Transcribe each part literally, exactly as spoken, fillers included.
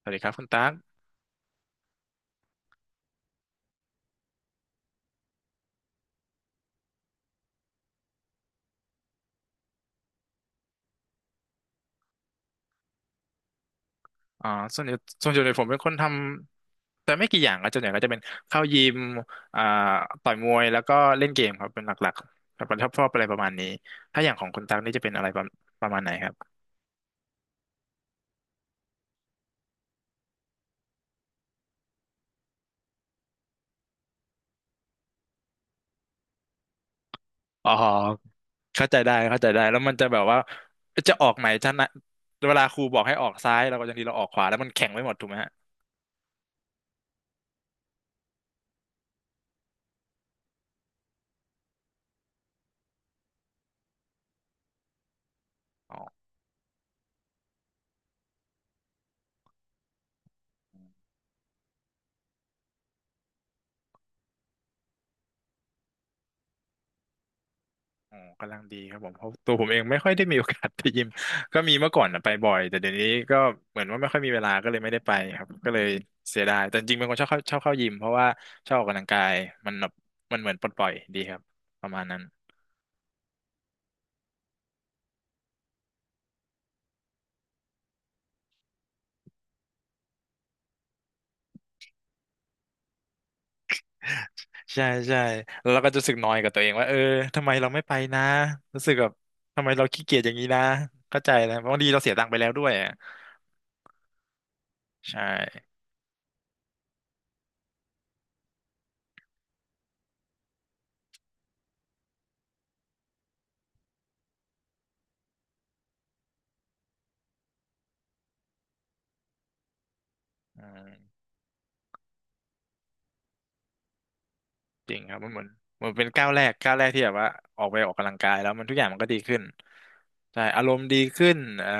สวัสดีครับคุณตั๊กอ่าส่วนใหญ่ส่วนใหญ่ผมเป็นคนทำแต่ไม่กี่อย่างก็ส่วนใหญ่ก็จะเป็นเข้ายิมอ่าต่อยมวยแล้วก็เล่นเกมครับเป็นหลักๆแบบชอบชอบอะไรประมาณนี้ถ้าอย่างของคุณตั๊กนี่จะเป็นอะไรประประมาณไหนครับอ๋อเข้าใจได้เข้าใจได้แล้วมันจะแบบว่าจะออกไหนจะนะเวลาครูบอกให้ออกซ้ายเราก็ยังดีเราออกขวาแล้วมันแข็งไว้หมดถูกไหมฮะอ๋อ อ๋อกำลังดีครับผมเพราะตัวผมเองไม่ค่อยได้มีโอกาสไปยิม ก็มีเมื่อก่อนนะไปบ่อย แต่เดี๋ยวนี้ก็เหมือนว่าไม่ค่อยมีเวลาก็เลยไม่ได้ไปครับ ก็เลยเสียดายแต่จริงๆเป็นคนชอบเข้าชอบเข้ายิมเพราะว่าชอบออกกำลังกายมันแบบมันเหมือนปลดปล่อยดีครับประมาณนั้นใช่ใช่แล้วเราก็จะรู้สึกนอยกับตัวเองว่าเออทำไมเราไม่ไปนะรู้สึกแบบทำไมเราขี้เกียจอย่างนี้นะเข้าใจแล้วบางทีเราเสียตังค์ไปแล้วด้วยอ่ะใช่อืม จริงครับมันเหมือนเหมันเป็นก้าวแรกก้าวแรกที่แบบว่าออกไปออกกำลังกายแล้วมันทุกอย่างมันก็ดีขึ้นใช่อารมณ์ดีขึ้นเอ่อ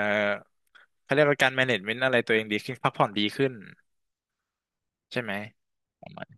เขาเรียกว่าการ management อะไรตัวเองดีขึ้นพักผ่อนดีขึ้นใช่ไหมประมาณ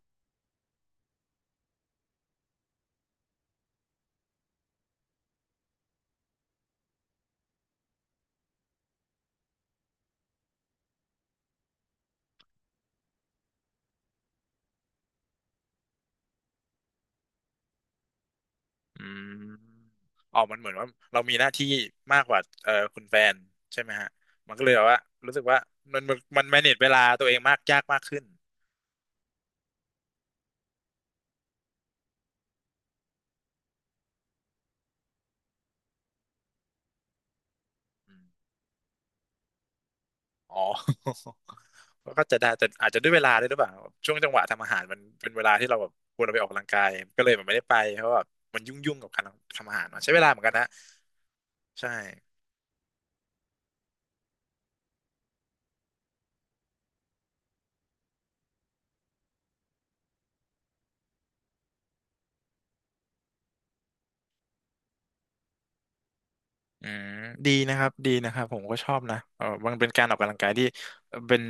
อืมออกมันเหมือนว่าเรามีหน้าที่มากกว่าเอ่อคุณแฟนใช่ไหมฮะมันก็เลยแบบว่ารู้สึกว่ามันมันมัน manage เวลาตัวเองมากยากมากขึ้นอมอ๋อ ก็ก็จะได้แต่อาจจะด้วยเวลาด้วยหรือเปล่าช่วงจังหวะทำอาหารมันเป็นเวลาที่เราแบบควรเอาไปออกกำลังกายก็เลยแบบไม่ได้ไปเพราะว่ามันยุ่งยุ่งกับการทำอาหารเนอะใช้เวลาเหมือนกันนะใช่อืมดีนะครับดีนะครับผมก็ชอบนะเออมันเป็นการออกกำลังกายที่เป็น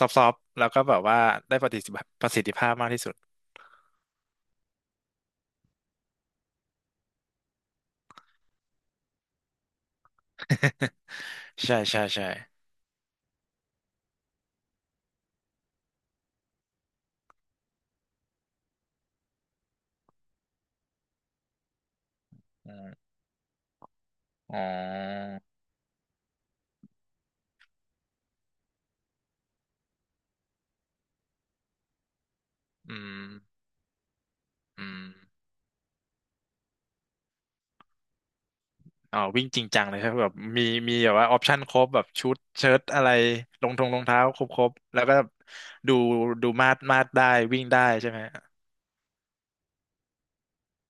ซอฟต์ๆแล้วก็แบบว่าได้ประสิทธิภาพประสิทธิภาพมากที่สุด ใช่ใช่ใช่อืมอ๋ออืมอืม อ๋อวิ่งจริงจังเลยครับแบบมีมีแบบว่าออปชั่นครบแบบชุดเชิ้ตอะไรรองทงรองเท้าครบครบแล้วก็ดูดูมาดมาดได้วิ่งได้ใช่ไหม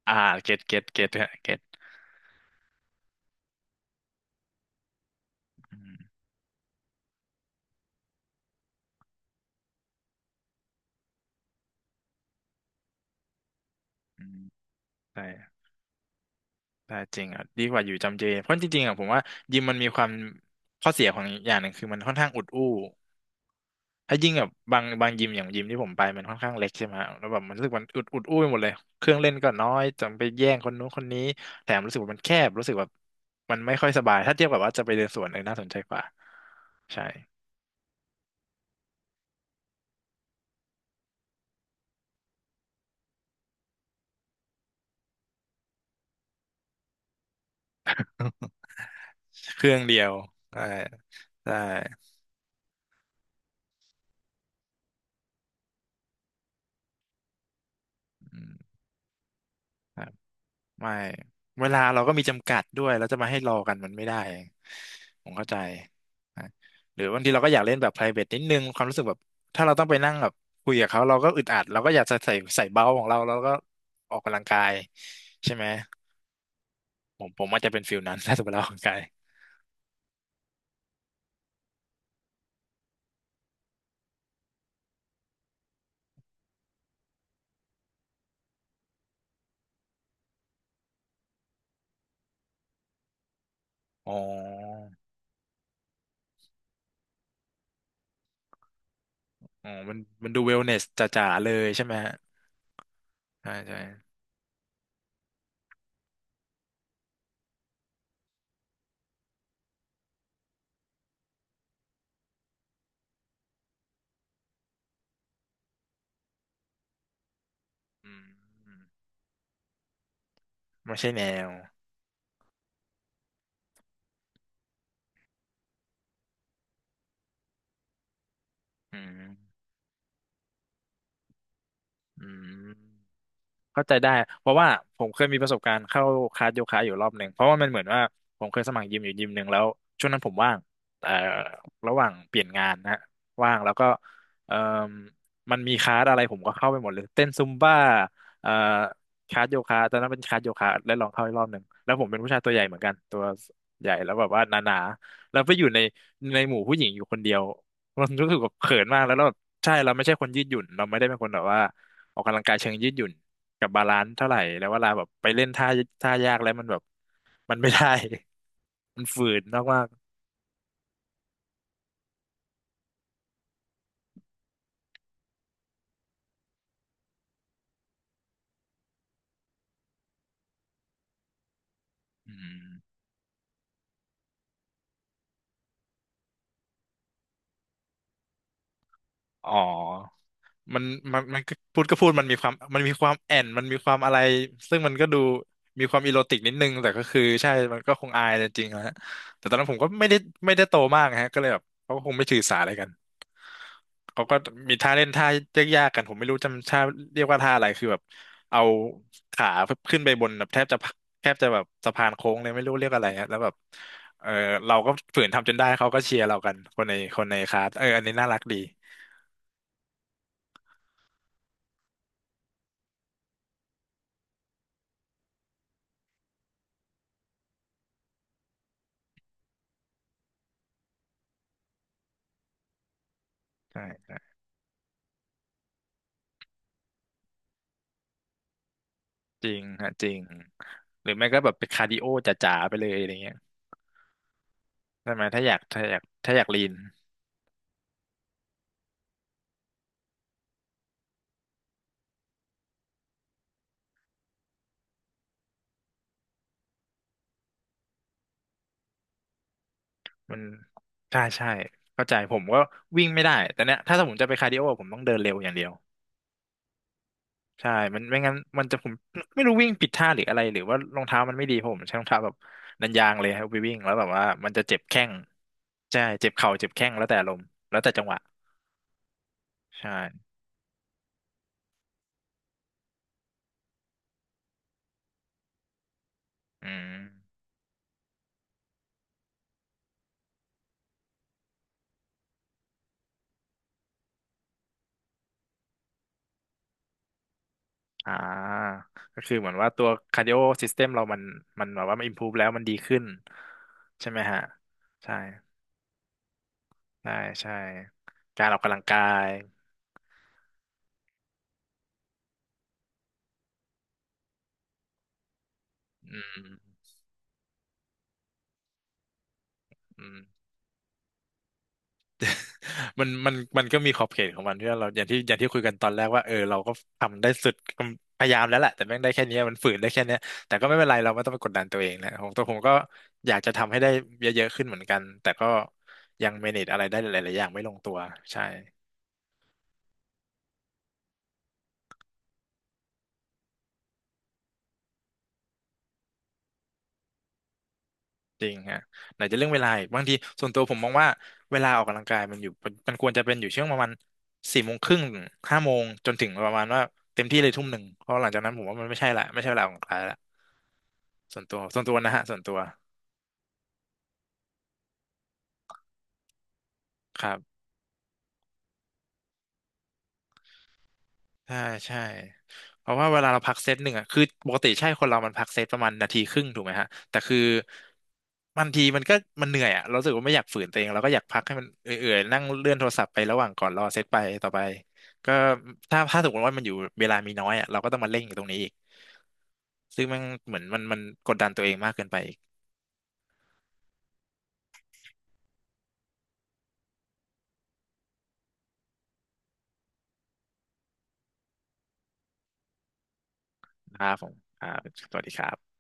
อ่าเก็ตเก็ตเก็ตฮะเก็ตอืมอืมใช่ใช่จริงอ่ะดีกว่าอยู่จำเจเพราะจริงๆอ่ะผมว่ายิมมันมีความข้อเสียของอย่างหนึ่งคือมันค่อนข้างอุดอู้ ไอ้ยิ่งแบบบางบางยิมอย่างยิมที่ผมไปมันค่อนข้างเล็กใช่ไหมฮะแล้วแบบมันรู้สึกมันอุดอุดอุ้ยหมดเลยเครื่องเล่นก็น้อยจำไปแย่งคนนู้นคนนี้แถมรู้สึกว่ามันแคบรู้สึกแบบมันไม่ค่อยสบายถ้าเทียบกับว่าจะไปเดินสวนเออน่าสนใจกว่าใช่เครื่องเดียวใช่ใช่อืม ไม่เวลาเราก็มีจำกัดด้วยแล้วจะมาให้รอกันมันไม่ได้ผมเข้าใจนะหรือบางทีเราก็อยากเล่นแบบ private นิดนึงความรู้สึกแบบถ้าเราต้องไปนั่งแบบคุยกับเขาเราก็อึดอัดเราก็อยากจะใส่ใส่เบาของเราแล้วก็ออกกำลังกายใช่ไหมผมผมอาจจะเป็นฟิลนั้น ถ้าสมมติเราออกกำลังกายอ๋ออ๋อมันมันดูเวลเนสจ๋าๆเลยใช่ไหมฮะใช่ใช่อืมไม่ใช่แนวอืมอืม เข้าใจได้เพราะว่าผมเคยมีประสบการณ์เข้าคลาสโยคะอยู่รอบหนึ่งเพราะว่ามันเหมือนว่าผมเคยสมัครยิมอยู่ยิมหนึ่งแล้วช่วงนั้นผมว่างเอ่อระหว่างเปลี่ยนงานนะว่างแล้วก็เอ่อมันมีคลาสอะไรผมก็เข้าไปหมดเลยเต้นซุมบ้าเอ่อคลาสโยคะตอนนั้นเป็นคลาสโยคะได้ลองเข้าอีกรอบหนึ่งแล้วผมเป็นผู้ชายตัวใหญ่เหมือนกันตัวใหญ่แล้วแบบว่าหนาๆแล้วไปอยู่ในในหมู่ผู้หญิงอยู่คนเดียวมันรู้สึกแบบเขินมากแล้วแล้วแบบใช่เราไม่ใช่คนยืดหยุ่นเราไม่ได้เป็นคนแบบว่าออกกำลังกายเชิงยืดหยุ่น กับบาลานซ์เท่าไหร่แล้วเวลาแบบไปเล่นท่าท่ายากแล้วมันแบบมันไม่ได้ มันฝืนมากๆอืมอ๋อมันมันมันก็พูดก็พูดมันมีความมันมีความแอนมันมีความอะไรซึ่งมันก็ดูมีความอีโรติกนิดนึงแต่ก็คือใช่มันก็คงอายจริงๆนะฮะแต่ตอนนั้นผมก็ไม่ได้ไม่ได้โตมากฮะก็เลยแบบเขาก็คงไม่ถือสาอะไรกัน เขาก็มีท่าเล่นท่ายากๆกันผมไม่รู้จำท่าเรียกว่าท่าอะไรคือแบบเอาขาขึ้นไปบนแบบแทบจะแทบจะแบบสะพานโค้งเลยไม่รู้เรียกอะไรอะแล้วแบบเออเราก็ฝืนทำจนได้เขาก็เชียร์เรากันคนในคนในคลาสเอออันนี้น่ารักดีใช่จริงฮะจริงหรือไม่ก็แบบไปคาร์ดิโอจ๋าๆไปเลยอะไรเงี้ยใช่ไหมถ้าอยากถ้าอยากถ้าอยากลีนมันใช่ใช่เข้าใจผมก็วิ่งไม่ได้แต่เนี้ยถ้าสมมติจะไปคาร์ดิโอผมต้องเดินเร็วอย่างเดียว ใช่มันไม่งั้นมันจะผมไม่รู้วิ่งผิดท่าหรืออะไรหรือว่ารองเท้ามันไม่ดีผมใช้รองเท้าแบบนันยางเลยครับไปวิ่งแล้วแบบว่ามันจะเจ็บแข้งใช่เจ็บเข่าเจ็บแข้งแล้วแต่ลมณ์แล้วแต่จังหวะใช่อืมอ่าก็คือเหมือนว่าตัวคาร์ดิโอซิสเต็มเรามันมันแบบว่ามันอิมพูฟแล้วมันดีขึ้นใช่ไหมฮะใช่ใช่ใช่การออกกำลังกายอืมอืม มันมันมันก็มีขอบเขตของมันที่ว่าเราอย่างที่อย่างที่คุยกันตอนแรกว่าเออเราก็ทำได้สุดพยายามแล้วแหละแต่แม่งได้แค่เนี้ยมันฝืนได้แค่เนี้ยแต่ก็ไม่เป็นไรเราไม่ต้องไปกดดันตัวเองนะของตัวผมก็อยากจะทำให้ได้เยอะๆขึ้นเหมือนกันแต่ก็ยังเมเนจอะไรได้หลายๆอย่างไม่ลงตัวใช่จริงฮะไหนจะเรื่องเวลาอีกบางทีส่วนตัวผมมองว่าเวลาออกกำลังกายมันอยู่มันควรจะเป็นอยู่ช่วงประมาณสี่โมงครึ่งห้าโมงจนถึงประมาณว่าเต็มที่เลยทุ่มหนึ่งเพราะหลังจากนั้นผมว่ามันไม่ใช่ละไม่ใช่เวลาออกกำลังกายละส่วนตัวส่วนตัวนะฮะส่วนตัว ครับใช่ใช่เพราะว่าเวลาเราพักเซตหนึ่งอ่ะคือปกติใช่คนเรามันพักเซตประมาณนาทีครึ่งถูกไหมฮะแต่คือบางทีมันก็มันเหนื่อยอ่ะเรารู้สึกว่าไม่อยากฝืนตัวเองเราก็อยากพักให้มันเอื่อยๆนั่งเลื่อนโทรศัพท์ไประหว่างก่อนรอเซตไปต่อไปก็ถ้าถ้าสมมติว่ามันอยู่เวลามีน้อยอ่ะเราก็ต้องมาเร่งอยู่ตรงนี้อีกซึ่งมันเหมือนมันมันกดดันตัวเองมากเกินไปอีกนะครับผมครับสวัสดีครับ